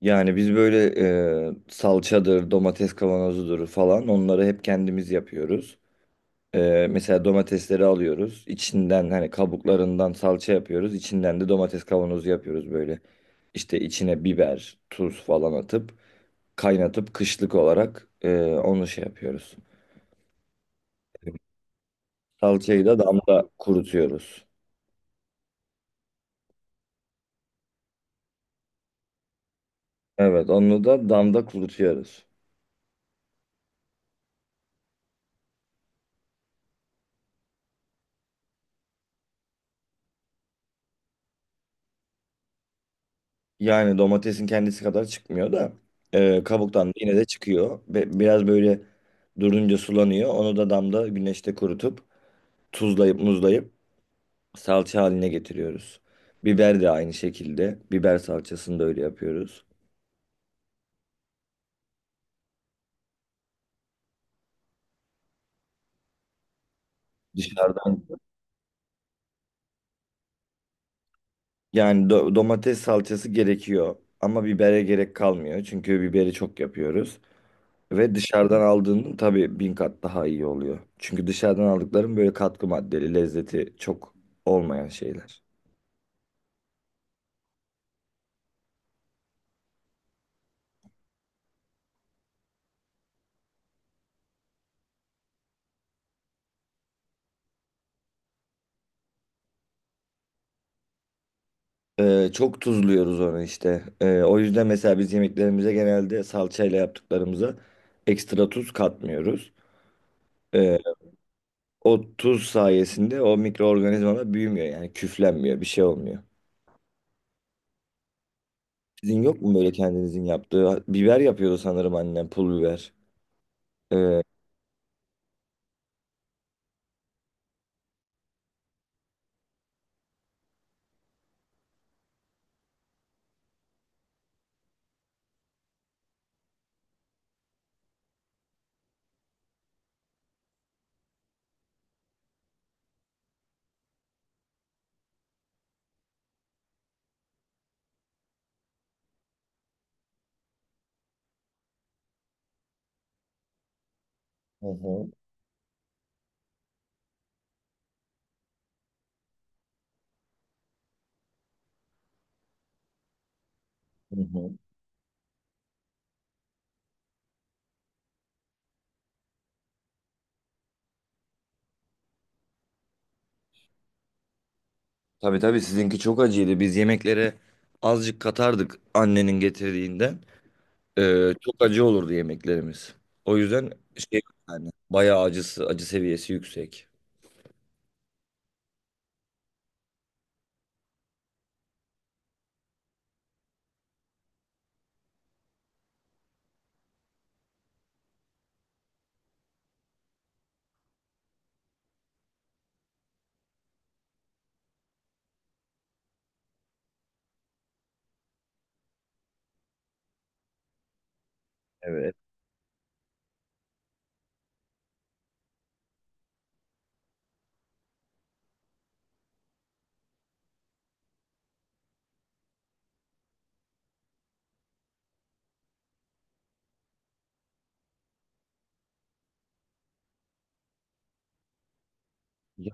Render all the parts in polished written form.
Yani biz böyle salçadır, domates kavanozudur falan onları hep kendimiz yapıyoruz. Mesela domatesleri alıyoruz. İçinden hani kabuklarından salça yapıyoruz. İçinden de domates kavanozu yapıyoruz böyle. İşte içine biber, tuz falan atıp kaynatıp kışlık olarak onu şey yapıyoruz. Salçayı da damda kurutuyoruz. Evet onu da damda kurutuyoruz. Yani domatesin kendisi kadar çıkmıyor da kabuktan da yine de çıkıyor. Ve biraz böyle durunca sulanıyor. Onu da damda güneşte kurutup tuzlayıp muzlayıp salça haline getiriyoruz. Biber de aynı şekilde. Biber salçasını da öyle yapıyoruz. Dışarıdan yani domates salçası gerekiyor ama bibere gerek kalmıyor. Çünkü biberi çok yapıyoruz. Ve dışarıdan aldığının tabii bin kat daha iyi oluyor. Çünkü dışarıdan aldıkların böyle katkı maddeli, lezzeti çok olmayan şeyler. Çok tuzluyoruz onu işte. O yüzden mesela biz yemeklerimize genelde salçayla yaptıklarımıza ekstra tuz katmıyoruz. Ee, O tuz sayesinde o mikroorganizmalar büyümüyor yani küflenmiyor bir şey olmuyor. Sizin yok mu böyle kendinizin yaptığı? Biber yapıyordu sanırım annem pul biber. Hı hı, hı hı. Tabii tabii sizinki çok acıydı. Biz yemeklere azıcık katardık annenin getirdiğinden. Çok acı olurdu yemeklerimiz. O yüzden şey yani bayağı acısı, acı seviyesi yüksek. Evet. Ya,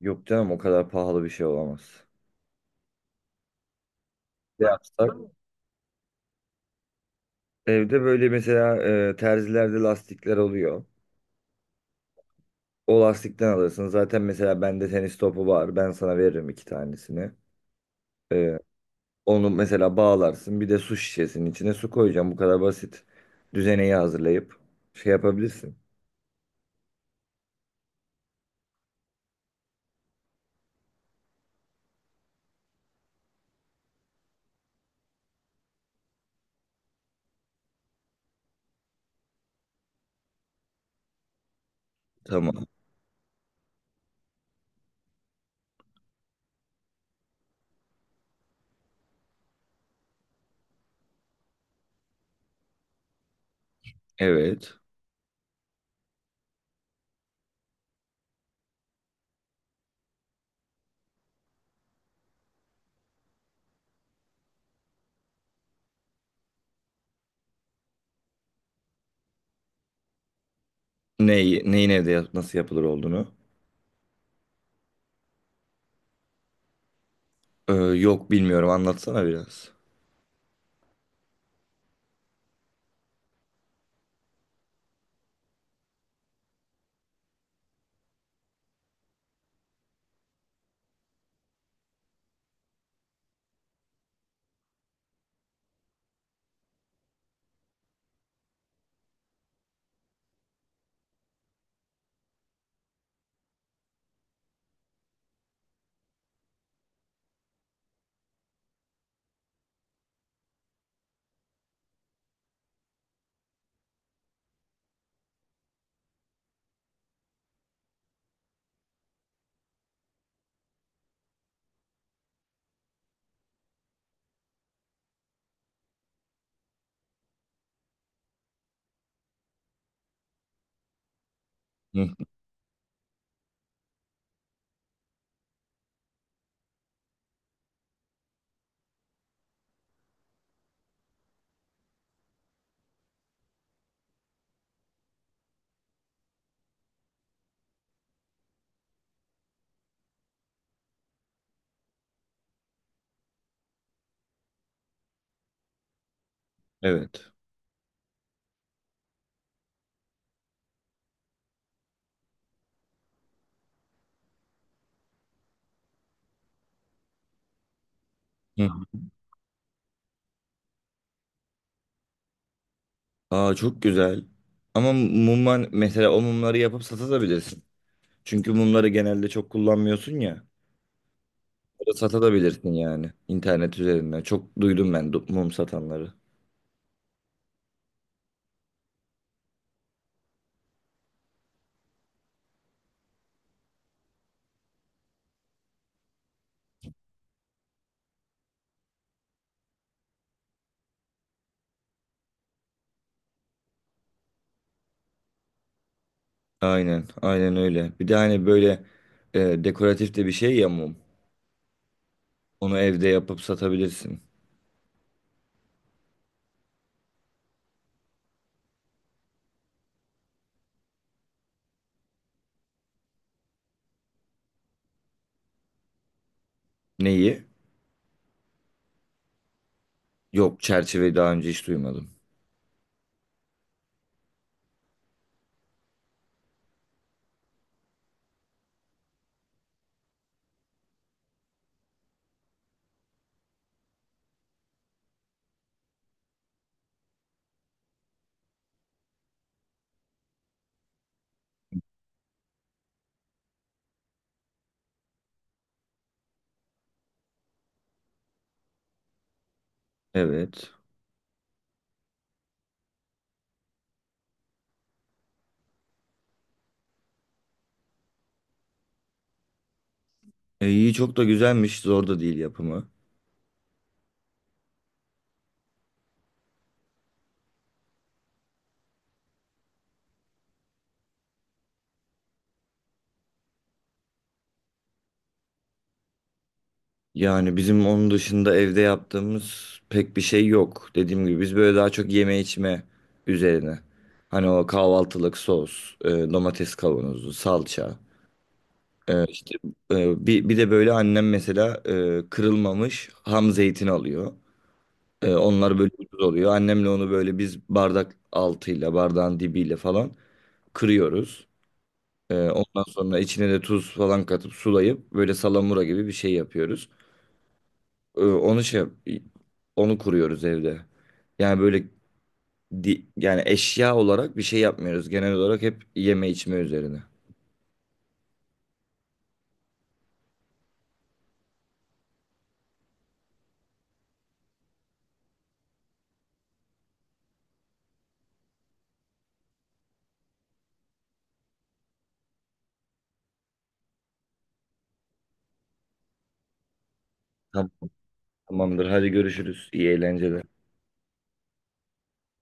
yok canım o kadar pahalı bir şey olamaz. Ne yapsak? Evde böyle mesela terzilerde lastikler oluyor. O lastikten alırsın. Zaten mesela bende tenis topu var. Ben sana veririm iki tanesini. Ee, onu mesela bağlarsın. Bir de su şişesinin içine su koyacağım. Bu kadar basit. Düzeneyi hazırlayıp şey yapabilirsin. Tamam. Evet. Neyi, neyin nasıl yapılır olduğunu. Yok bilmiyorum anlatsana biraz. Hı, evet. Hı. Aa çok güzel. Ama mumlar mesela o mumları yapıp satabilirsin. Çünkü mumları genelde çok kullanmıyorsun ya. Satabilirsin yani internet üzerinden. Çok duydum ben mum satanları. Aynen, aynen öyle. Bir de hani böyle dekoratif de bir şey ya mum. Onu evde yapıp satabilirsin. Neyi? Yok çerçeveyi daha önce hiç duymadım. Evet. İyi çok da güzelmiş. Zor da değil yapımı. Yani bizim onun dışında evde yaptığımız pek bir şey yok. Dediğim gibi biz böyle daha çok yeme içme üzerine. Hani o kahvaltılık sos, domates kavanozu, salça. E, işte bir de böyle annem mesela kırılmamış ham zeytin alıyor. Onlar böyle ucuz oluyor. Annemle onu böyle biz bardak altıyla, bardağın dibiyle falan kırıyoruz. Ondan sonra içine de tuz falan katıp sulayıp böyle salamura gibi bir şey yapıyoruz. Ee, Onu şey yap- onu kuruyoruz evde. Yani böyle yani eşya olarak bir şey yapmıyoruz. Genel olarak hep yeme içme üzerine. Tamam. Tamamdır. Hadi görüşürüz. İyi eğlenceler.